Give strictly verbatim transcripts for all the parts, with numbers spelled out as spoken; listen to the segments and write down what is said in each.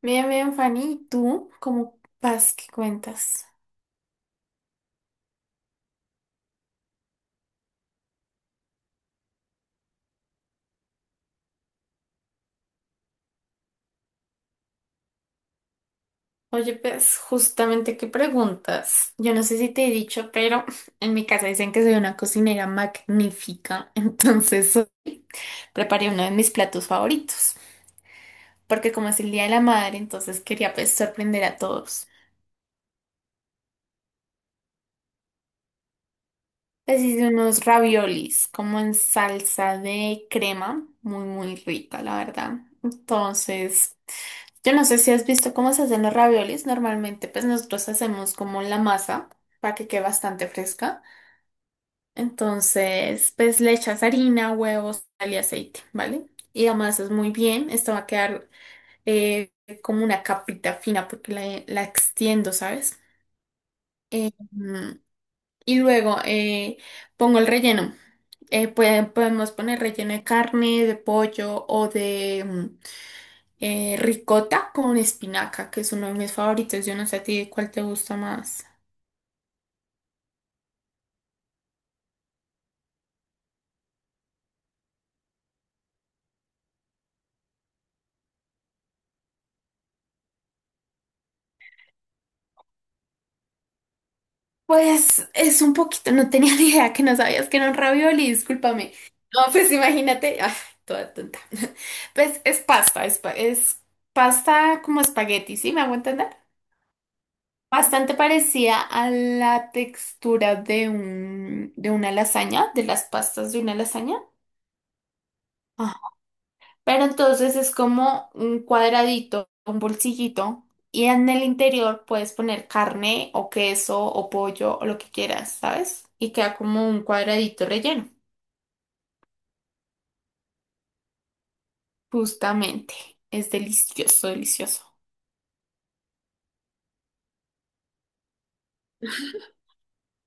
Bien, bien, Fanny, ¿y tú cómo vas? ¿Qué cuentas? Oye, pues justamente qué preguntas. Yo no sé si te he dicho, pero en mi casa dicen que soy una cocinera magnífica. Entonces eh, preparé uno de mis platos favoritos, porque como es el Día de la Madre, entonces quería pues sorprender a todos. Pues hice unos raviolis como en salsa de crema, muy, muy rica, la verdad. Entonces... Yo no sé si has visto cómo se hacen los raviolis. Normalmente, pues nosotros hacemos como la masa para que quede bastante fresca. Entonces, pues le echas harina, huevos, sal y aceite, ¿vale? Y amasas muy bien. Esto va a quedar eh, como una capita fina porque la, la extiendo, ¿sabes? Eh, mm, y luego eh, Pongo el relleno. Eh, puede- podemos poner relleno de carne, de pollo o de... mm, eh, ricota con espinaca, que es uno de mis favoritos. Yo no sé a ti cuál te gusta más. Pues es un poquito, no tenía ni idea que no sabías que era un ravioli, discúlpame. No, pues imagínate, ah, toda tonta. Pues es pasta, es, pa- es pasta como espagueti, ¿sí? ¿Me hago entender? Bastante parecida a la textura de un, de una lasaña, de las pastas de una lasaña. Pero entonces es como un cuadradito, un bolsillito, y en el interior puedes poner carne o queso o pollo o lo que quieras, ¿sabes? Y queda como un cuadradito relleno. Justamente. Es delicioso, delicioso.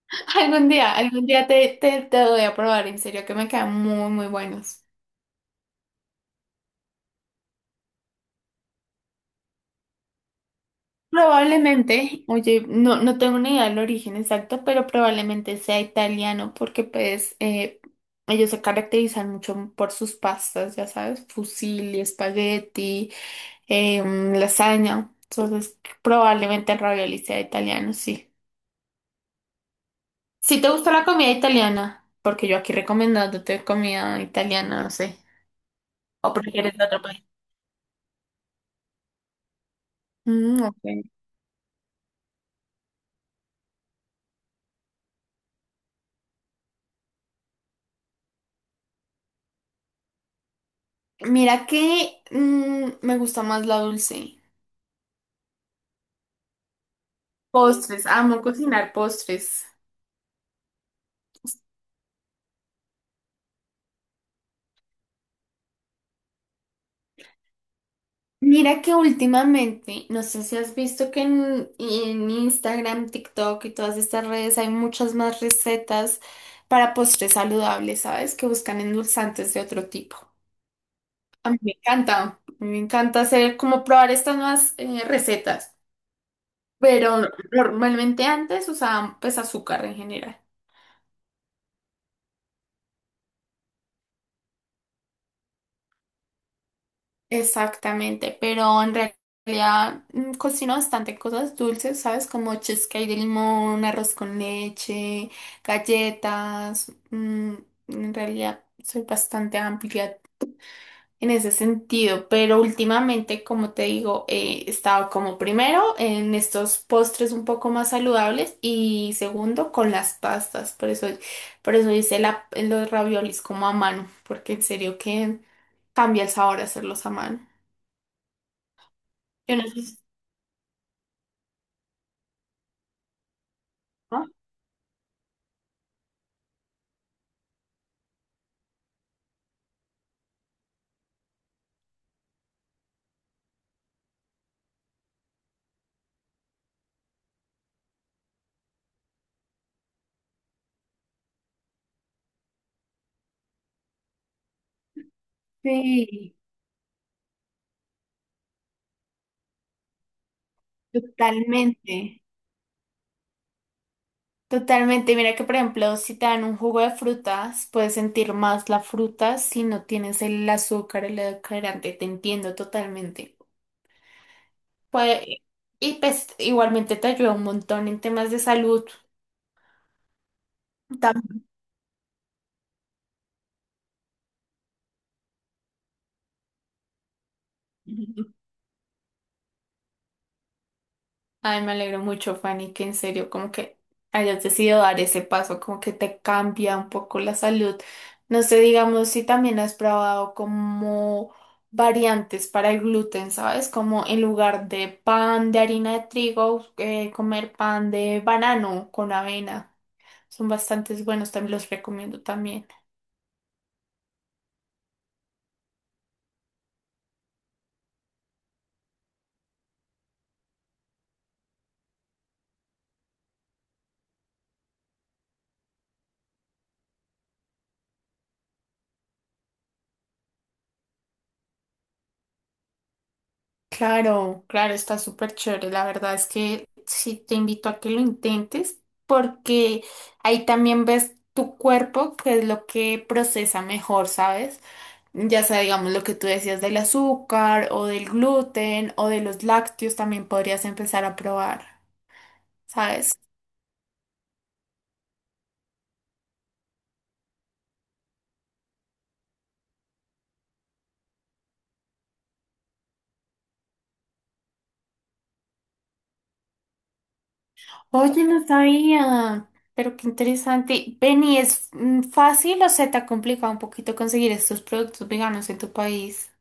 Algún día, algún día te, te, te doy a probar, en serio, que me quedan muy, muy buenos. Probablemente, oye, no, no tengo ni idea del origen exacto, pero probablemente sea italiano porque pues eh, ellos se caracterizan mucho por sus pastas, ya sabes, fusilli, espagueti, eh, mm, lasaña. Entonces, probablemente el ravioli sea italiano, sí. Si te gusta la comida italiana, porque yo aquí recomendándote comida italiana, no sé, o prefieres de otro país. Mm, ok. Mira que mm, me gusta más la dulce. Postres, amo cocinar postres. Mira que últimamente, no sé si has visto que en, en Instagram, TikTok y todas estas redes hay muchas más recetas para postres saludables, ¿sabes? Que buscan endulzantes de otro tipo. A mí me encanta, a mí me encanta hacer como probar estas nuevas eh, recetas, pero normalmente antes usaban pues azúcar en general. Exactamente, pero en realidad mm, cocino bastante cosas dulces, ¿sabes? Como cheesecake de limón, arroz con leche, galletas. Mm, en realidad soy bastante amplia en ese sentido, pero últimamente, como te digo, eh, he estado como primero en estos postres un poco más saludables y segundo con las pastas. Por eso, por eso hice la- los raviolis como a mano, porque en serio que cambia el sabor hacerlos a mano. Yo no sé si... ¿no? Sí, totalmente, totalmente. Mira que, por ejemplo, si te dan un jugo de frutas, puedes sentir más la fruta si no tienes el azúcar, el edulcorante. Te entiendo totalmente. Puede... y pues igualmente te ayuda un montón en temas de salud. También. Ay, me alegro mucho, Fanny, que en serio, como que hayas decidido dar ese paso, como que te cambia un poco la salud. No sé, digamos, si también has probado como variantes para el gluten, ¿sabes? Como en lugar de pan de harina de trigo, eh, comer pan de banano con avena. Son bastantes buenos, también los recomiendo también. Claro, claro, está súper chévere. La verdad es que sí te invito a que lo intentes porque ahí también ves tu cuerpo, que es lo que procesa mejor, ¿sabes? Ya sea, digamos, lo que tú decías del azúcar o del gluten o de los lácteos, también podrías empezar a probar, ¿sabes? Oye, no sabía, pero qué interesante. Benny, ¿es mm, fácil o se te ha complicado un poquito conseguir estos productos veganos en tu país?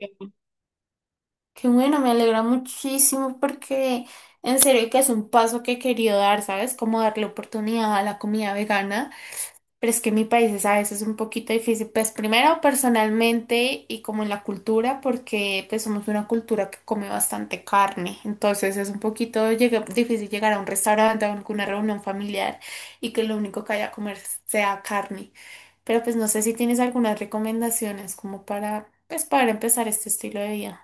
Eh, Qué bueno, me alegra muchísimo porque en serio que es un paso que he querido dar, ¿sabes? Como darle oportunidad a la comida vegana, pero es que en mi país es a veces un poquito difícil, pues primero personalmente y como en la cultura, porque pues somos una cultura que come bastante carne, entonces es un poquito llega- difícil llegar a un restaurante a alguna reunión familiar y que lo único que haya a comer sea carne, pero pues no sé si tienes algunas recomendaciones como para, pues para empezar este estilo de vida.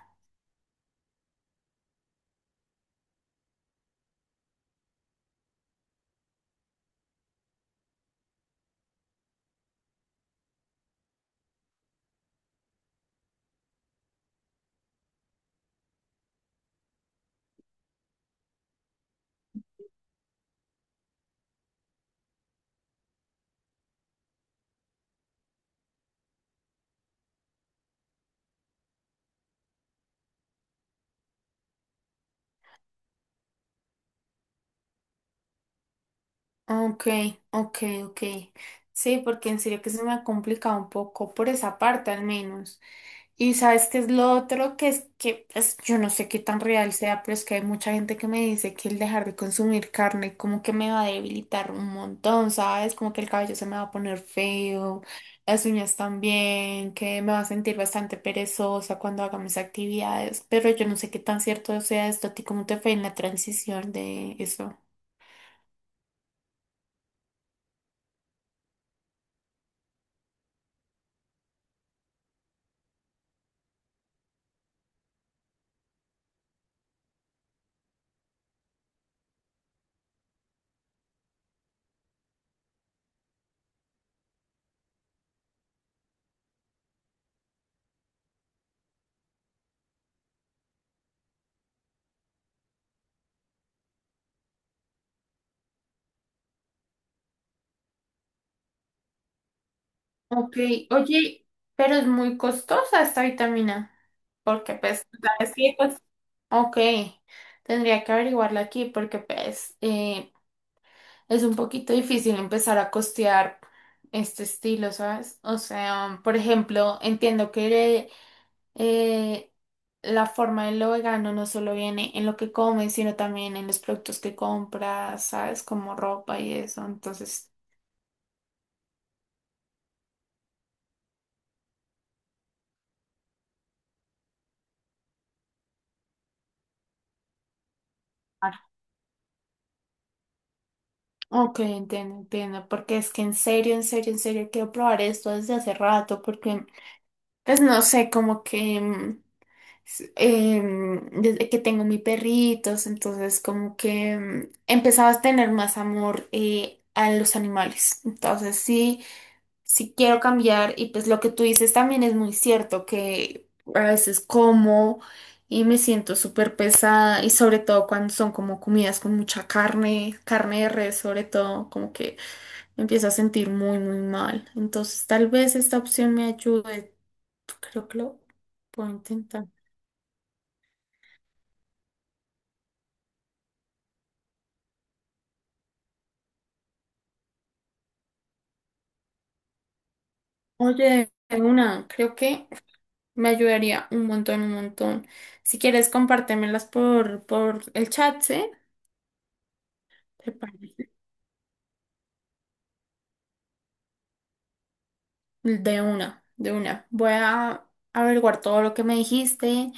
Ok, ok, ok. Sí, porque en serio que se me ha complicado un poco por esa parte al menos. Y sabes qué es lo otro que es que pues, yo no sé qué tan real sea, pero es que hay mucha gente que me dice que el dejar de consumir carne como que me va a debilitar un montón, ¿sabes? Como que el cabello se me va a poner feo, las uñas también, que me va a sentir bastante perezosa cuando haga mis actividades, pero yo no sé qué tan cierto sea esto. ¿A ti cómo te fue en la transición de eso? Ok, oye, pero es muy costosa esta vitamina, porque pues, ¿sabes qué? Pues, ok, tendría que averiguarla aquí porque pues eh, es un poquito difícil empezar a costear este estilo, ¿sabes? O sea, por ejemplo, entiendo que eh, la forma de lo vegano no solo viene en lo que comes, sino también en los productos que compras, ¿sabes? Como ropa y eso, entonces... Ok, entiendo, entiendo, porque es que en serio, en serio, en serio quiero probar esto desde hace rato, porque pues no sé, como que mm, s- em, desde que tengo mis perritos, entonces como que mm, empezaba a tener más amor eh, a los animales, entonces sí, sí quiero cambiar y pues lo que tú dices también es muy cierto, que a veces como y me siento súper pesada y sobre todo cuando son como comidas con mucha carne, carne de res sobre todo, como que me empiezo a sentir muy, muy mal. Entonces, tal vez esta opción me ayude. Creo que lo puedo intentar. Oye, una, creo que me ayudaría un montón, un montón. Si quieres, compártemelas por, por el chat, ¿sí? ¿Te parece? De una, de una. Voy a averiguar todo lo que me dijiste.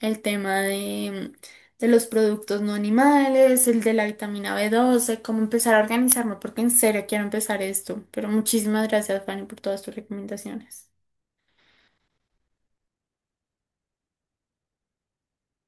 El tema de, de los productos no animales, el de la vitamina b doce cómo empezar a organizarme, porque en serio quiero empezar esto. Pero muchísimas gracias, Fanny, por todas tus recomendaciones.